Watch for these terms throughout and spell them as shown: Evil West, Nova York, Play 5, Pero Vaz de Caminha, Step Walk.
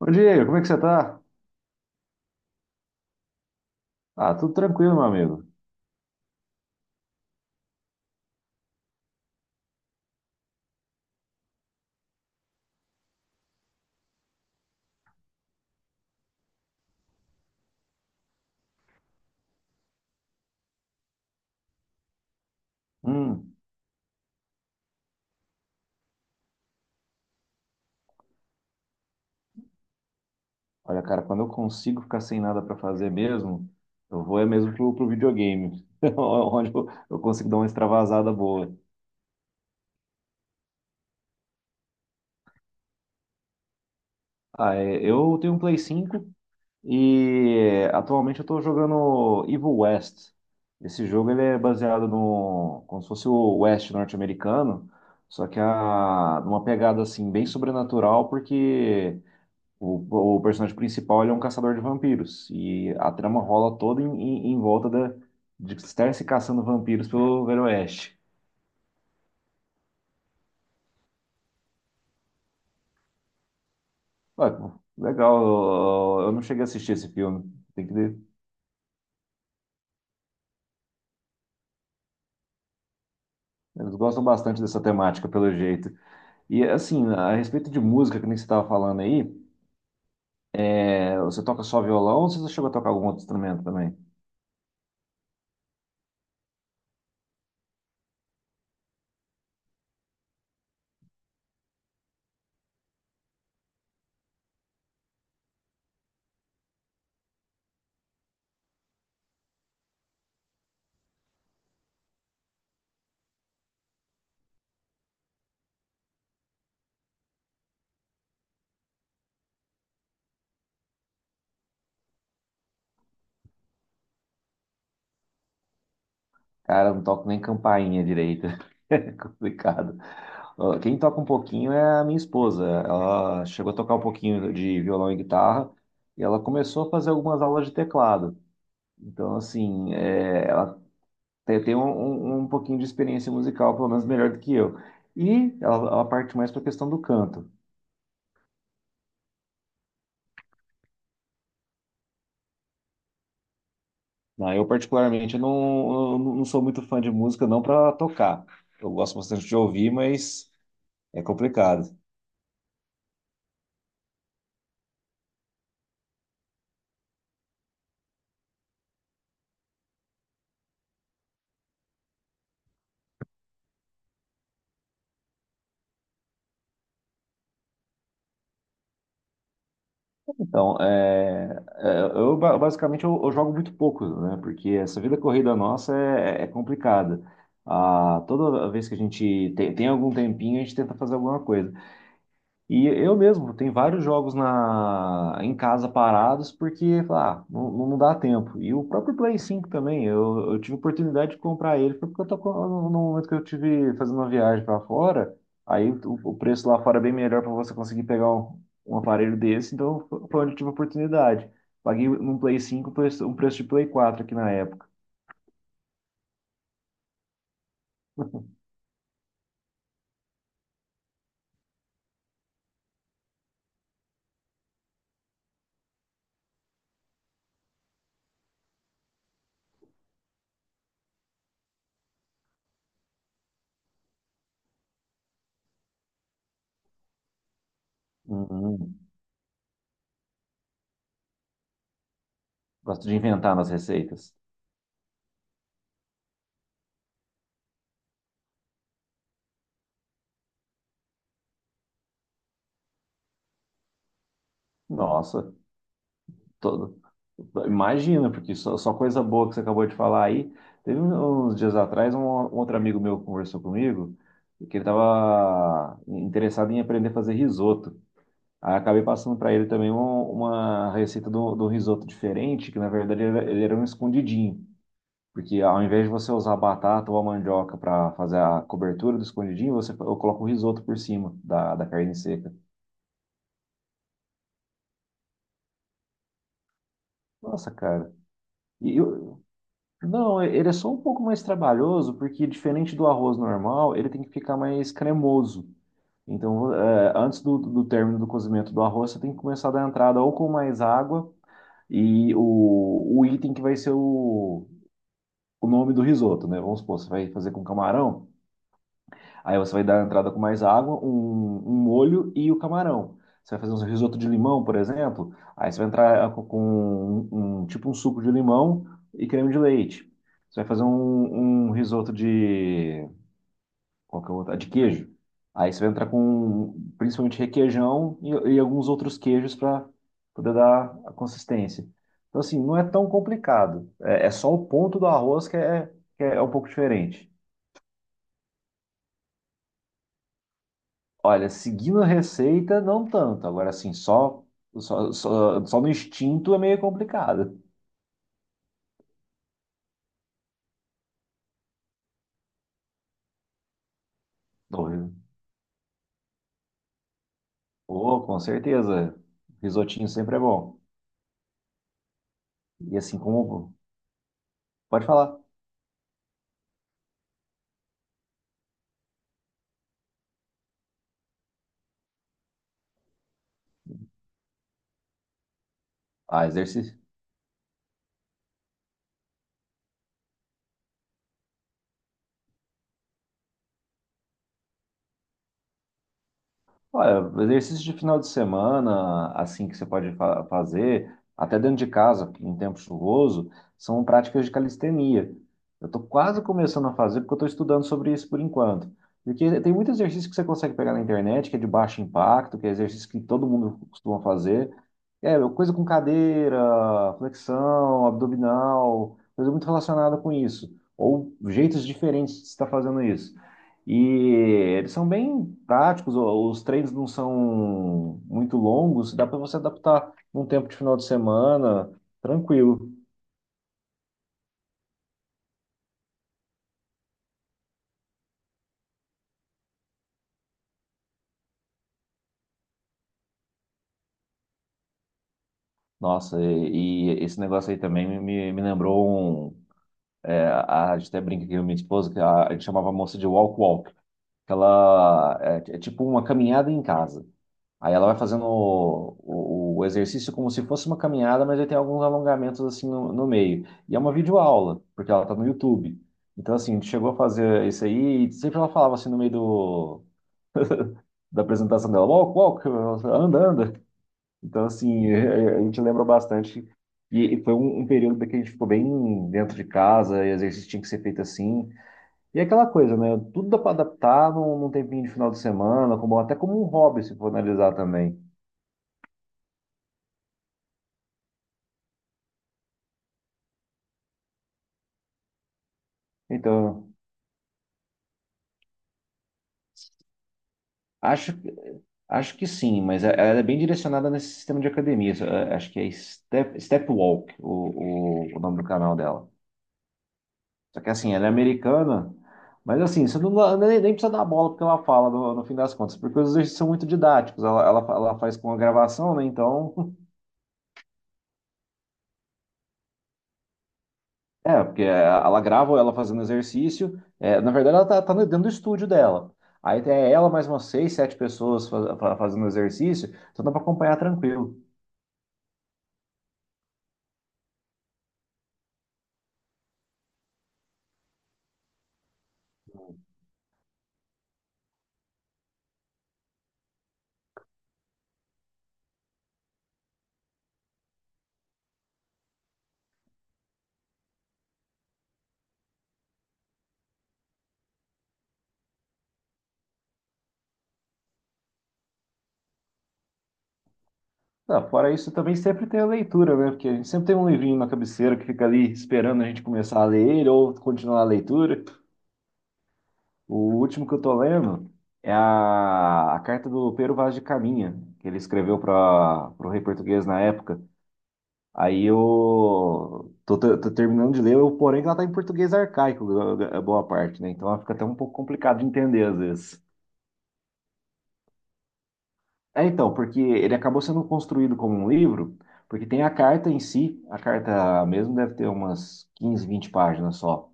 Bom Diego, como é que você tá? Ah, tudo tranquilo, meu amigo. Hum, olha, cara, quando eu consigo ficar sem nada pra fazer mesmo, eu vou é mesmo pro videogame, onde eu consigo dar uma extravasada boa. Ah, é, eu tenho um Play 5 e atualmente eu tô jogando Evil West. Esse jogo ele é baseado no, como se fosse o West norte-americano, só que a, numa pegada assim bem sobrenatural, porque o personagem principal, ele é um caçador de vampiros. E a trama rola toda em, em volta da, de estar se caçando vampiros pelo Velho Oeste. Ué, pô, legal, eu não cheguei a assistir esse filme. Tem que ver. Eles gostam bastante dessa temática, pelo jeito. E assim, a respeito de música, que nem você estava falando aí, é, você toca só violão ou você chegou a tocar algum outro instrumento também? Cara, eu não toco nem campainha direita. É complicado. Ó, quem toca um pouquinho é a minha esposa. Ela chegou a tocar um pouquinho de violão e guitarra e ela começou a fazer algumas aulas de teclado. Então, assim, é, ela tem um, um pouquinho de experiência musical, pelo menos melhor do que eu. E ela parte mais para a questão do canto. Ah, eu, particularmente, eu não sou muito fã de música, não para tocar. Eu gosto bastante de ouvir, mas é complicado. Então, é, é, eu basicamente eu jogo muito pouco, né? Porque essa vida corrida nossa é, é complicada. Ah, toda vez que a gente tem, tem algum tempinho, a gente tenta fazer alguma coisa. E eu mesmo, tem vários jogos na, em casa parados porque ah, não, não dá tempo. E o próprio Play cinco também, eu tive oportunidade de comprar ele, foi porque eu tô, com- no momento que eu tive fazendo uma viagem para fora, aí o preço lá fora é bem melhor para você conseguir pegar um, um aparelho desse, então foi onde eu tive a oportunididade. Paguei num Play cinco um preço de Play quatro aqui na época. Hum, hum, gosto de inventar nas receitas. Nossa, to- imagina, porque só, só coisa boa que você acabou de falar aí. Teve um, uns dias atrás, um outro amigo meu conversou comigo, que ele estava interessado em aprender a fazer risoto. Aí acabei passando para ele também uma receita do, do risoto diferente, que na verdade ele era um escondidinho. Porque ao invés de você usar batata ou a mandioca para fazer a cobertura do escondidinho, você eu coloco o risoto por cima da, da carne seca. Nossa, cara. E eu- Não, é, ele é só um pouco mais trabalhoso, porque diferente do arroz normal, ele tem que ficar mais cremoso. Então, é, antes do, do término do cozimento do arroz, você tem que começar a dar entrada ou com mais água e o item que vai ser o nome do risoto, né? Vamos supor, você vai fazer com camarão. Aí você vai dar a entrada com mais água, um molho e o camarão. Você vai fazer um risoto de limão, por exemplo. Aí você vai entrar com um, tipo um suco de limão e creme de leite. Você vai fazer um, um risoto de qual que é o outro? Ah, de queijo. Aí você vai entrar com principalmente requeijão e alguns outros queijos para poder dar a consistência. Então assim, não é tão complicado. É, é só o ponto do arroz que é um pouco diferente. Olha, seguindo a receita, não tanto. Agora, assim, só no instinto é meio complicado. Ou- ou, com certeza. Risotinho sempre é bom. E assim como. Pode falar. Ah, exercício. Olha, exercício de final de semana, assim que você pode fazer, até dentro de casa, em tempo chuvoso, são práticas de calistenia. Eu estou quase começando a fazer porque eu estou estudando sobre isso por enquanto. Porque tem muito exercício que você consegue pegar na internet, que é de baixo impacto, que é exercício que todo mundo costuma fazer. É, coisa com cadeira, flexão, abdominal, coisa muito relacionada com isso. Ou jeitos diferentes de estar fazendo isso. E eles são bem práticos, os treinos não são muito longos, dá para você adaptar num tempo de final de semana, tranquilo. Nossa, e esse negócio aí também me lembrou um. É, a gente até brinca aqui com a minha esposa, que a gente chamava a moça de walk-walk, que ela é, é tipo uma caminhada em casa. Aí ela vai fazendo o, o exercício como se fosse uma caminhada, mas aí tem alguns alongamentos assim no, no meio. E é uma videoaula, porque ela tá no YouTube. Então, assim, a gente chegou a fazer isso aí e sempre ela falava assim no meio do, da apresentação dela, walk, walk, anda, anda. Então, assim, a gente lembra bastante. E foi um, um período que a gente ficou bem dentro de casa, e exercício tinha que ser feito assim. E é aquela coisa, né? Tudo dá para adaptar num, num tempinho de final de semana, como, até como um hobby, se for analisar também. Então. Acho, acho que sim, mas ela é bem direcionada nesse sistema de academias. Acho que é Step, Step Walk, o nome do canal dela. Só que assim, ela é americana, mas assim, você não, nem, nem precisa dar bola porque ela fala no, no fim das contas, porque os exercícios são muito didáticos. Ela faz com a gravação, né? Então, é, porque ela grava ela fazendo exercício. É, na verdade, tá dentro do estúdio dela. Aí tem ela mais umas seis, sete pessoas fazendo exercício, então dá pra acompanhar tranquilo. Ah, fora isso, também sempre tem a leitura, né? Porque a gente sempre tem um livrinho na cabeceira que fica ali esperando a gente começar a ler ele ou continuar a leitura. O último que eu tô lendo é a carta do Pero Vaz de Caminha, que ele escreveu para o Rei Português na época. Aí eu tô, tô terminando de ler, eu, porém ela tá em português arcaico, a boa parte, né? Então ela fica até um pouco complicado de entender às vezes. É, então, porque ele acabou sendo construído como um livro, porque tem a carta em si, a carta mesmo deve ter umas 15, 20 páginas só.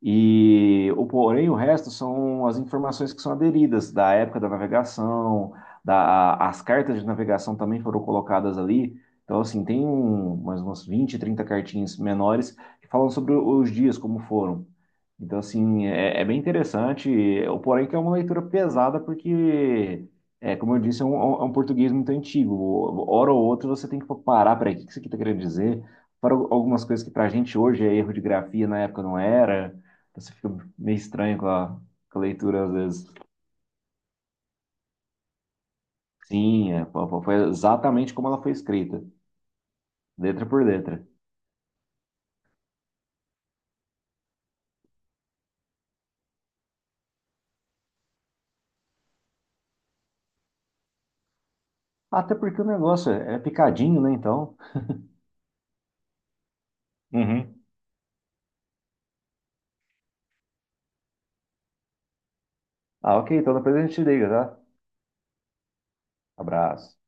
E o porém, o resto são as informações que são aderidas da época da navegação, da, as cartas de navegação também foram colocadas ali. Então, assim, tem um, mais umas 20, 30 cartinhas menores que falam sobre os dias, como foram. Então, assim, é, é bem interessante. O porém que é uma leitura pesada, porque, é, como eu disse, é um, é um português muito antigo. Hora ou outra você tem que parar, peraí, o que isso aqui está querendo dizer? Para algumas coisas que para a gente hoje é erro de grafia, na época não era. Então, você fica meio estranho com a leitura às vezes. Sim, é, foi exatamente como ela foi escrita, letra por letra. Até porque o negócio é picadinho, né? Então. Uhum. Ah, ok, então depois a gente liga, tá? Abraço.